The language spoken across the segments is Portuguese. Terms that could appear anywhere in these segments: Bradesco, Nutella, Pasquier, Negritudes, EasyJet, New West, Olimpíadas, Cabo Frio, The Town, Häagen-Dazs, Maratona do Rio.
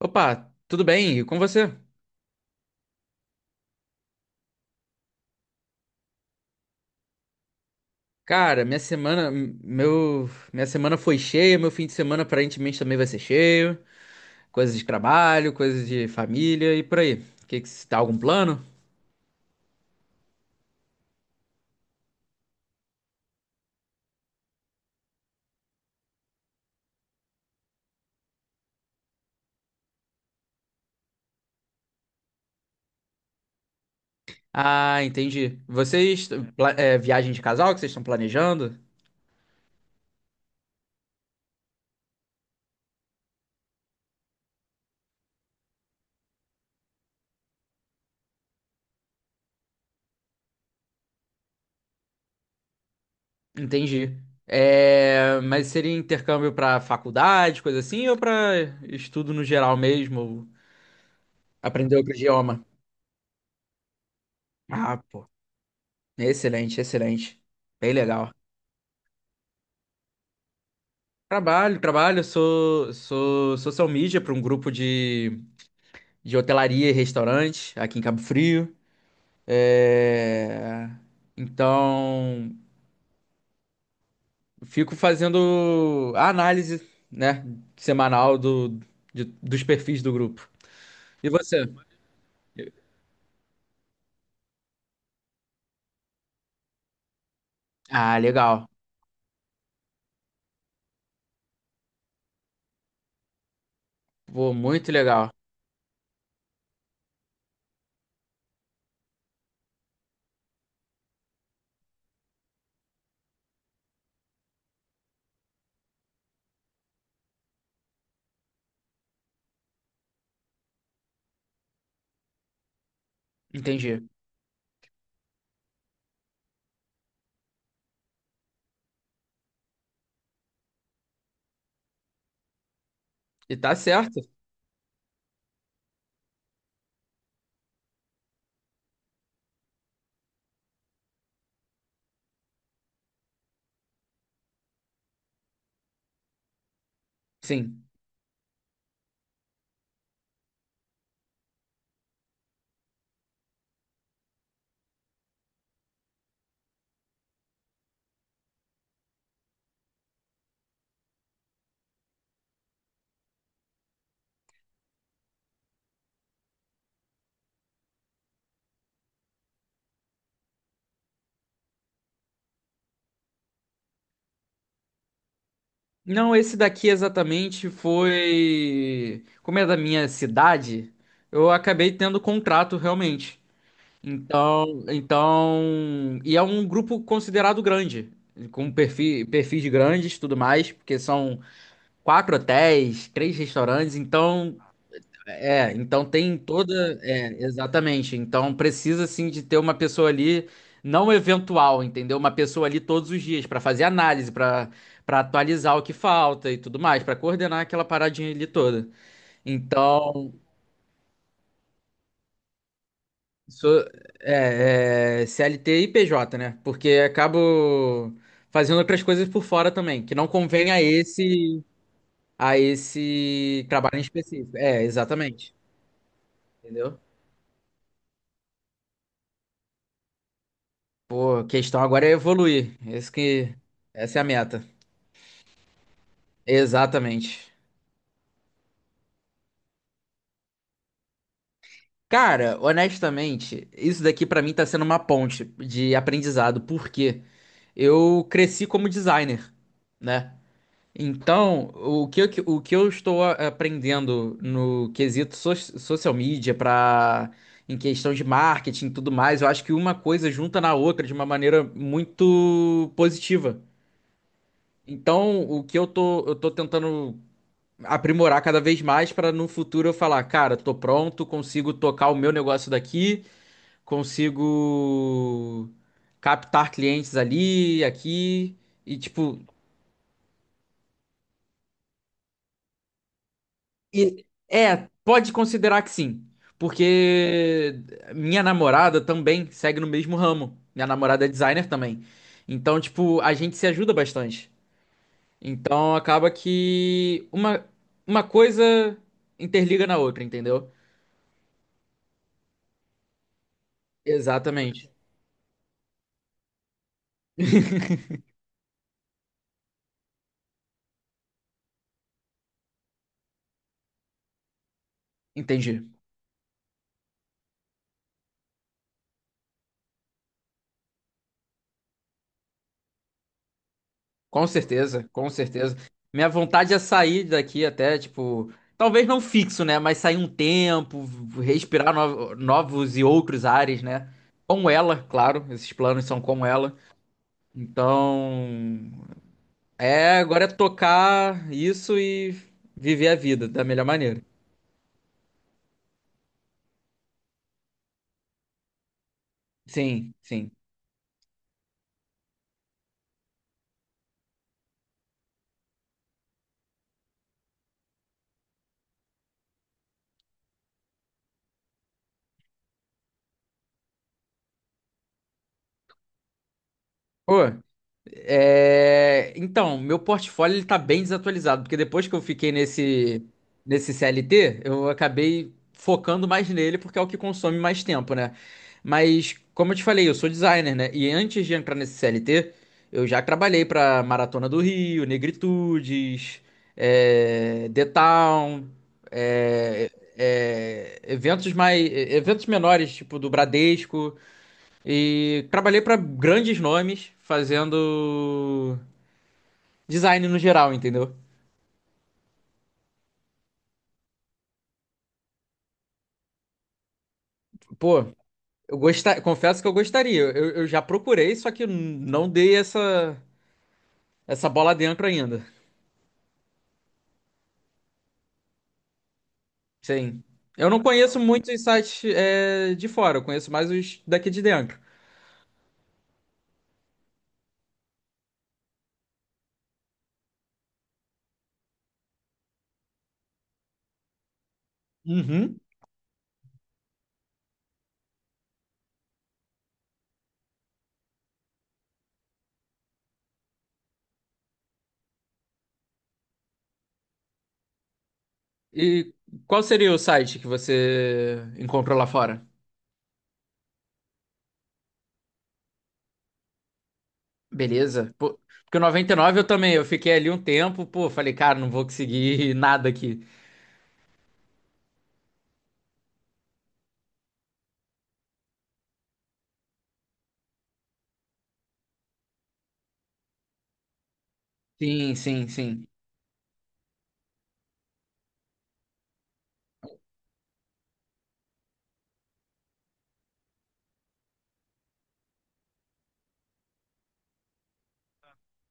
Opa, tudo bem? E com você? Cara, minha semana, minha semana foi cheia, meu fim de semana aparentemente também vai ser cheio. Coisas de trabalho, coisas de família e por aí. Tá algum plano? Ah, entendi. Vocês, é, viagem de casal que vocês estão planejando? Entendi. É, mas seria intercâmbio pra faculdade, coisa assim, ou pra estudo no geral mesmo, ou aprender outro idioma? Ah, pô, excelente, excelente. Bem legal. Trabalho, trabalho, sou social media para um grupo de hotelaria e restaurante aqui em Cabo Frio. É, então, fico fazendo a análise, né, semanal do, dos perfis do grupo. E você? Ah, legal. Pô, muito legal. Entendi. E tá certo? Sim. Não, esse daqui exatamente foi. Como é da minha cidade, eu acabei tendo contrato realmente. Então, então, e é um grupo considerado grande, com perfis grandes, e tudo mais, porque são quatro hotéis, três restaurantes, então, é, então tem toda, é, exatamente, então precisa assim de ter uma pessoa ali não eventual, entendeu? Uma pessoa ali todos os dias para fazer análise, para para atualizar o que falta e tudo mais, para coordenar aquela paradinha ali toda. Então, sou, é, é, CLT e PJ, né? Porque acabo fazendo outras coisas por fora também, que não convém a esse trabalho em específico. É, exatamente. Entendeu? Pô, a questão agora é evoluir. Esse que, essa é a meta. Exatamente. Cara, honestamente, isso daqui pra mim tá sendo uma ponte de aprendizado, porque eu cresci como designer, né? Então, o que eu estou aprendendo no quesito social media para em questão de marketing e tudo mais, eu acho que uma coisa junta na outra de uma maneira muito positiva. Então, o que eu tô tentando aprimorar cada vez mais para no futuro eu falar, cara, tô pronto, consigo tocar o meu negócio daqui, consigo captar clientes ali, aqui. E, tipo, e é, pode considerar que sim, porque minha namorada também segue no mesmo ramo. Minha namorada é designer também. Então, tipo, a gente se ajuda bastante. Então, acaba que uma coisa interliga na outra, entendeu? Exatamente. Entendi. Com certeza, com certeza. Minha vontade é sair daqui até, tipo, talvez não fixo, né? Mas sair um tempo, respirar novos e outros ares, né? Com ela, claro, esses planos são com ela. Então, é, agora é tocar isso e viver a vida da melhor maneira. Sim, sim. Pô, é, então, meu portfólio ele tá bem desatualizado, porque depois que eu fiquei nesse, nesse CLT, eu acabei focando mais nele, porque é o que consome mais tempo, né? Mas, como eu te falei, eu sou designer, né? E antes de entrar nesse CLT, eu já trabalhei pra Maratona do Rio, Negritudes, é... The Town, é, é, eventos mais, eventos menores, tipo do Bradesco. E trabalhei pra grandes nomes fazendo design no geral, entendeu? Pô, eu gosta... confesso que eu gostaria. Eu já procurei, só que não dei essa, essa bola dentro ainda. Sim. Eu não conheço muitos sites é, de fora, eu conheço mais os daqui de dentro. Uhum. E qual seria o site que você encontrou lá fora? Beleza. Pô, porque o 99, eu também, eu fiquei ali um tempo, pô, falei, cara, não vou conseguir nada aqui. Sim, sim, sim.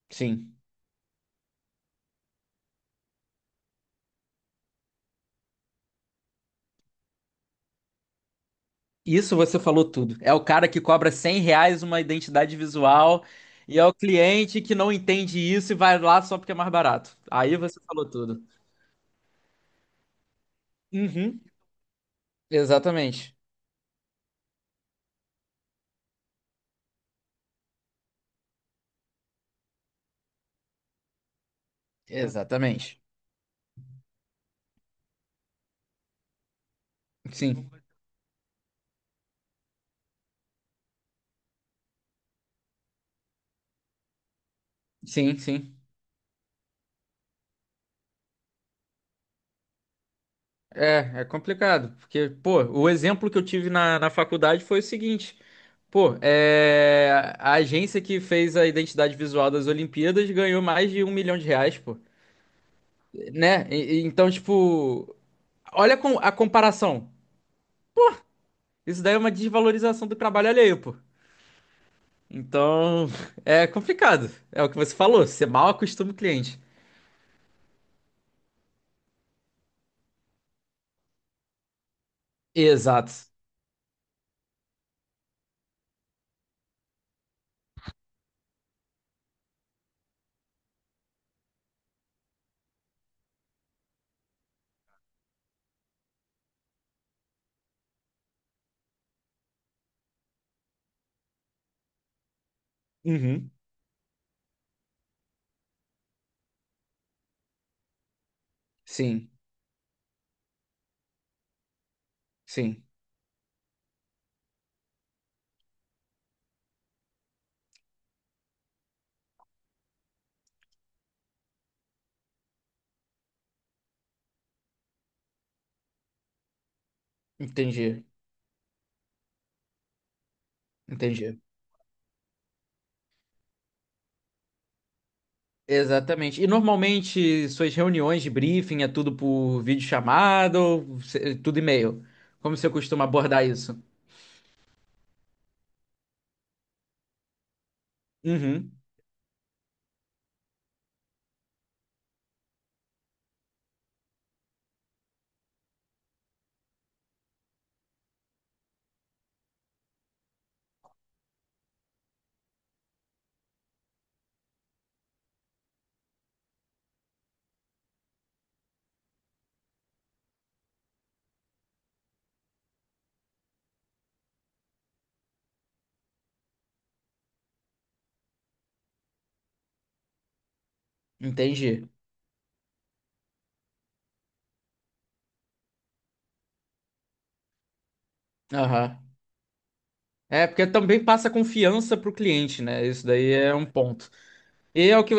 Sim. Isso você falou tudo. É o cara que cobra 100 reais uma identidade visual e é o cliente que não entende isso e vai lá só porque é mais barato. Aí você falou tudo. Uhum. Exatamente. Exatamente. Sim. Sim, sim. É, é complicado. Porque, pô, o exemplo que eu tive na, na faculdade foi o seguinte. Pô, é... a agência que fez a identidade visual das Olimpíadas ganhou mais de 1 milhão de reais, pô. Né? Então, tipo, olha a comparação. Isso daí é uma desvalorização do trabalho alheio, pô. Então, é complicado. É o que você falou, você mal acostuma o cliente. Exato. Uhum. Sim, sim. Entendi, entendi. Exatamente. E normalmente suas reuniões de briefing é tudo por videochamada ou tudo e-mail? Como você costuma abordar isso? Uhum. Entendi. Aham. É, porque também passa confiança pro cliente, né? Isso daí é um ponto. E é o que.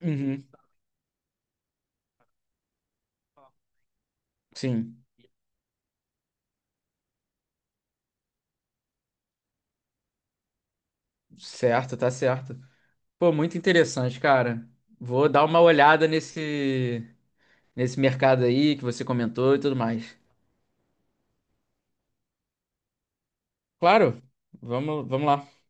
Uhum. Sim. Certo, tá certo. Pô, muito interessante, cara. Vou dar uma olhada nesse nesse mercado aí que você comentou e tudo mais. Claro, vamos, vamos lá.